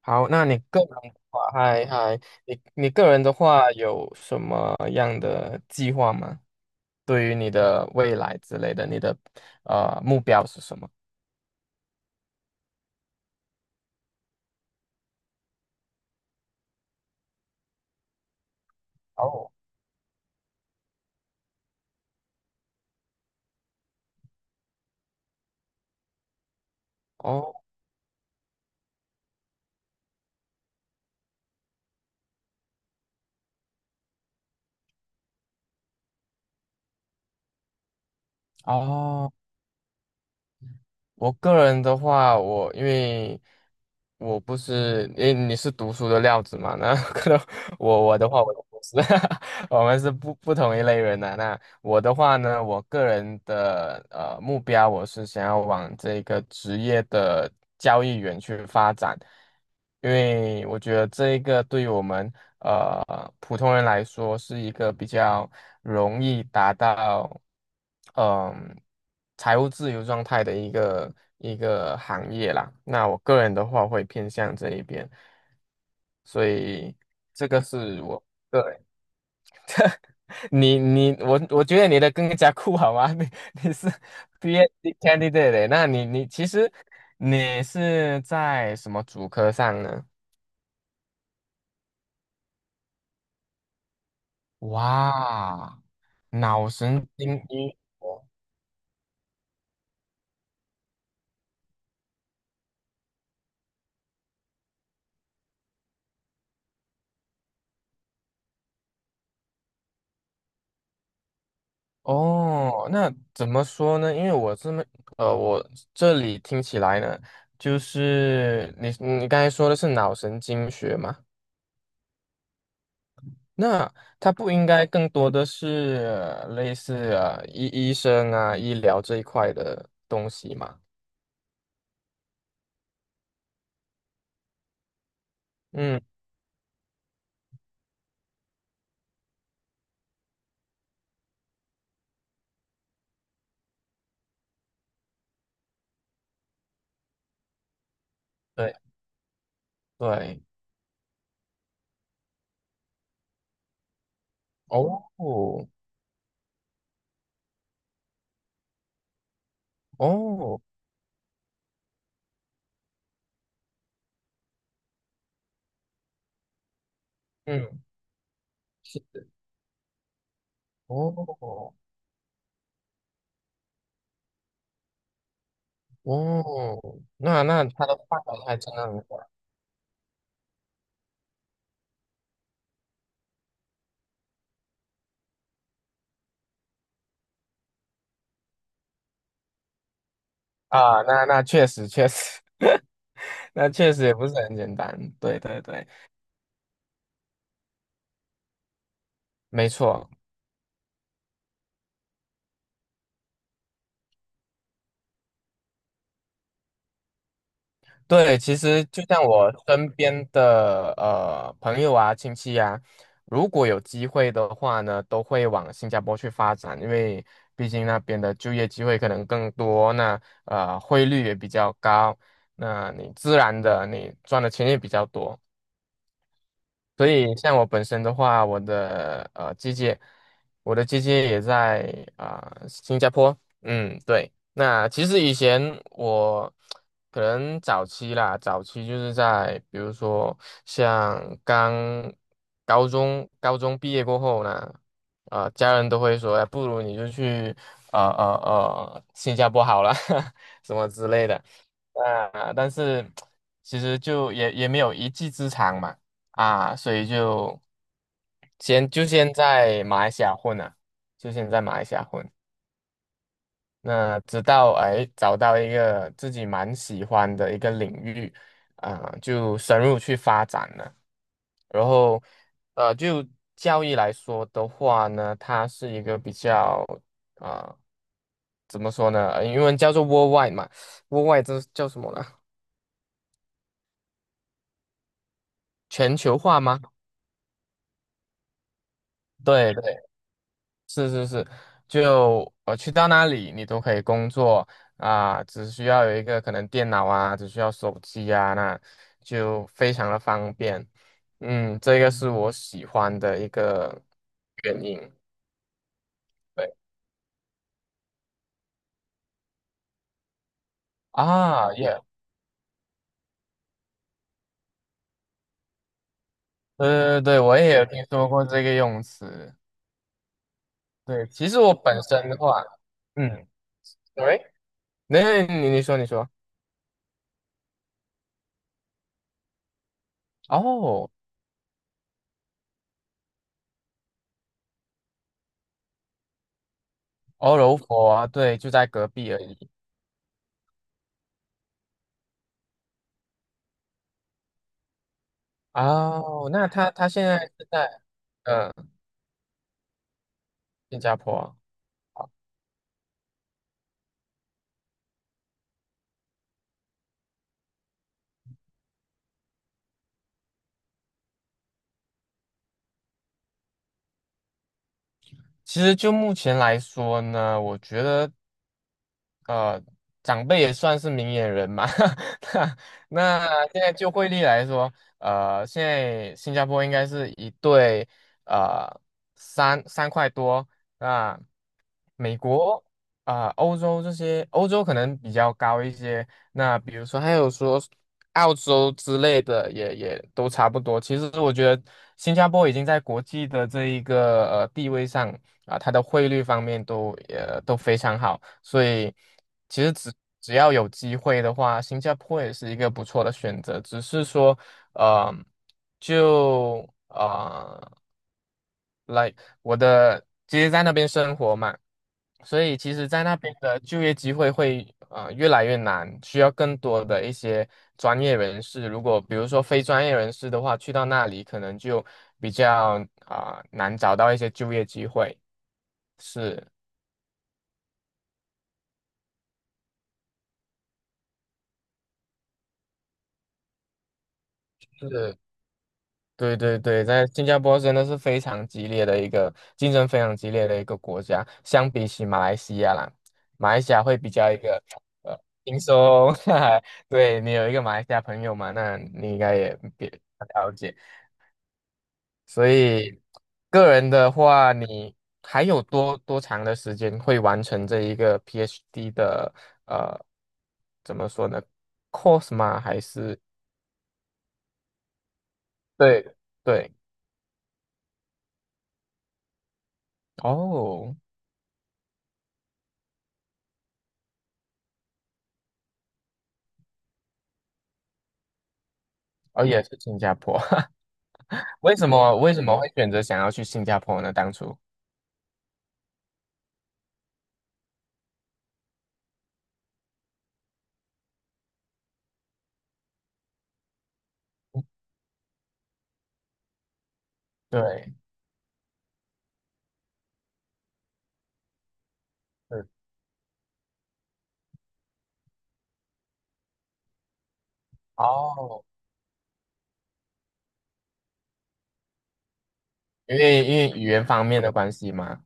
好，那你个人的话，你个人的话有什么样的计划吗？对于你的未来之类的，你的目标是什么？哦哦哦。我个人的话，我因为我不是，诶，你是读书的料子嘛？那 可能我的话，我不是，我们是不同一类人的、那我的话呢，我个人的目标，我是想要往这个职业的交易员去发展，因为我觉得这一个对于我们。普通人来说是一个比较容易达到嗯财务自由状态的一个行业啦。那我个人的话会偏向这一边，所以这个是我。对，你我觉得你的更加酷好吗？你是 PhD candidate，那你其实你是在什么主科上呢？哇，脑神经医哦，那怎么说呢？因为我这么，我这里听起来呢，就是你刚才说的是脑神经学嘛，那它不应该更多的是类似医生啊、医疗这一块的东西嘛？嗯，对对，哦哦，嗯，是的，哦哦，那那它的范围还真的很广啊，那那确实。那确实也不是很简单，对对对，没错，对，其实就像我身边的朋友啊、亲戚啊，如果有机会的话呢，都会往新加坡去发展，因为毕竟那边的就业机会可能更多，那汇率也比较高，那你自然的你赚的钱也比较多。所以像我本身的话，我的姐姐，我的姐姐也在啊、新加坡。嗯，对。那其实以前我可能早期啦，早期就是在比如说像刚高中毕业过后呢，家人都会说，哎，不如你就去新加坡好了，什么之类的。啊、但是其实就也没有一技之长嘛。啊，所以就先在马来西亚混啊，就先在马来西亚混。那直到哎找到一个自己蛮喜欢的一个领域，啊、就深入去发展了。然后，就教育来说的话呢，它是一个比较啊、怎么说呢？呃英文叫做 worldwide 嘛，worldwide 这是叫什么呢？全球化吗？对是是是，就我去到那里，你都可以工作啊、只需要有一个可能电脑啊，只需要手机啊，那就非常的方便。嗯，这个是我喜欢的一个原因。对啊，也对对对，我也有听说过这个用词。对，其实我本身的话，嗯，喂，那你说你说，哦，欧柔佛啊，对，就在隔壁而已。哦，那他现在是在。嗯。新加坡啊，其实就目前来说呢，我觉得。呃，长辈也算是明眼人嘛。那那现在就汇率来说，现在新加坡应该是一对呃三块多。那美国啊、欧洲这些，欧洲可能比较高一些。那比如说还有说澳洲之类的也，也都差不多。其实我觉得新加坡已经在国际的这一个地位上，啊，它的汇率方面都都非常好，所以其实只要有机会的话，新加坡也是一个不错的选择。只是说，呃，就，like 我的其实在那边生活嘛，所以其实在那边的就业机会会越来越难，需要更多的一些专业人士。如果比如说非专业人士的话，去到那里可能就比较啊、难找到一些就业机会。是。是，对对对，在新加坡真的是非常激烈的一个竞争，非常激烈的一个国家。相比起马来西亚啦，马来西亚会比较一个呃轻松。对你有一个马来西亚朋友嘛，那你应该也比较了解。所以个人的话，你还有多长的时间会完成这一个 PhD 的呃怎么说呢？course 嘛？还是对对哦。哦，也是新加坡。为什么会选择想要去新加坡呢？当初对，嗯，哦，因为语言方面的关系吗？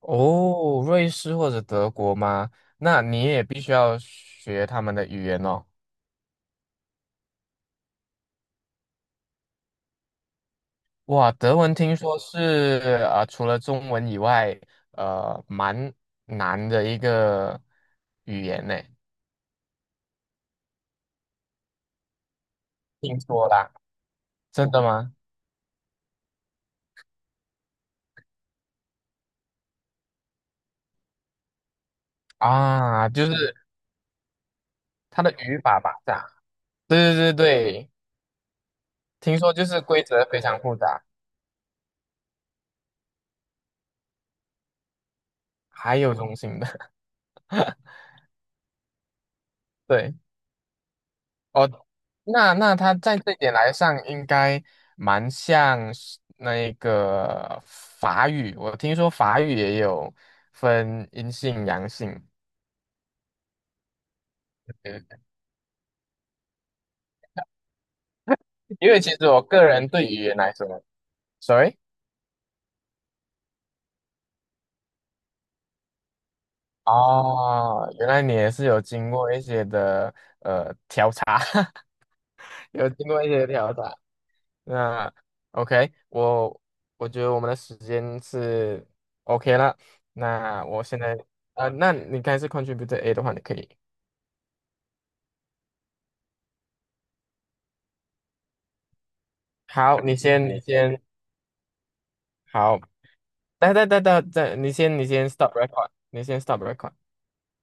哦，瑞士或者德国吗？那你也必须要学他们的语言哦。哇，德文听说是除了中文以外，蛮难的一个语言呢。听说啦，真的吗？啊，就是它的语法吧，是啊，对对对对。听说就是规则非常复杂，还有中性的，对，哦，那那它在这一点来上应该蛮像是那个法语，我听说法语也有分阴性阳性，嗯因为其实我个人对语言来说，sorry，哦，原来你也是有经过一些的调查，有经过一些调查。那 OK，我觉得我们的时间是 OK 了。那我现在那你刚才是 contribute A 的话，你可以。好，你先，你哎先，好，等，你先，你先 stop record，你先 stop record。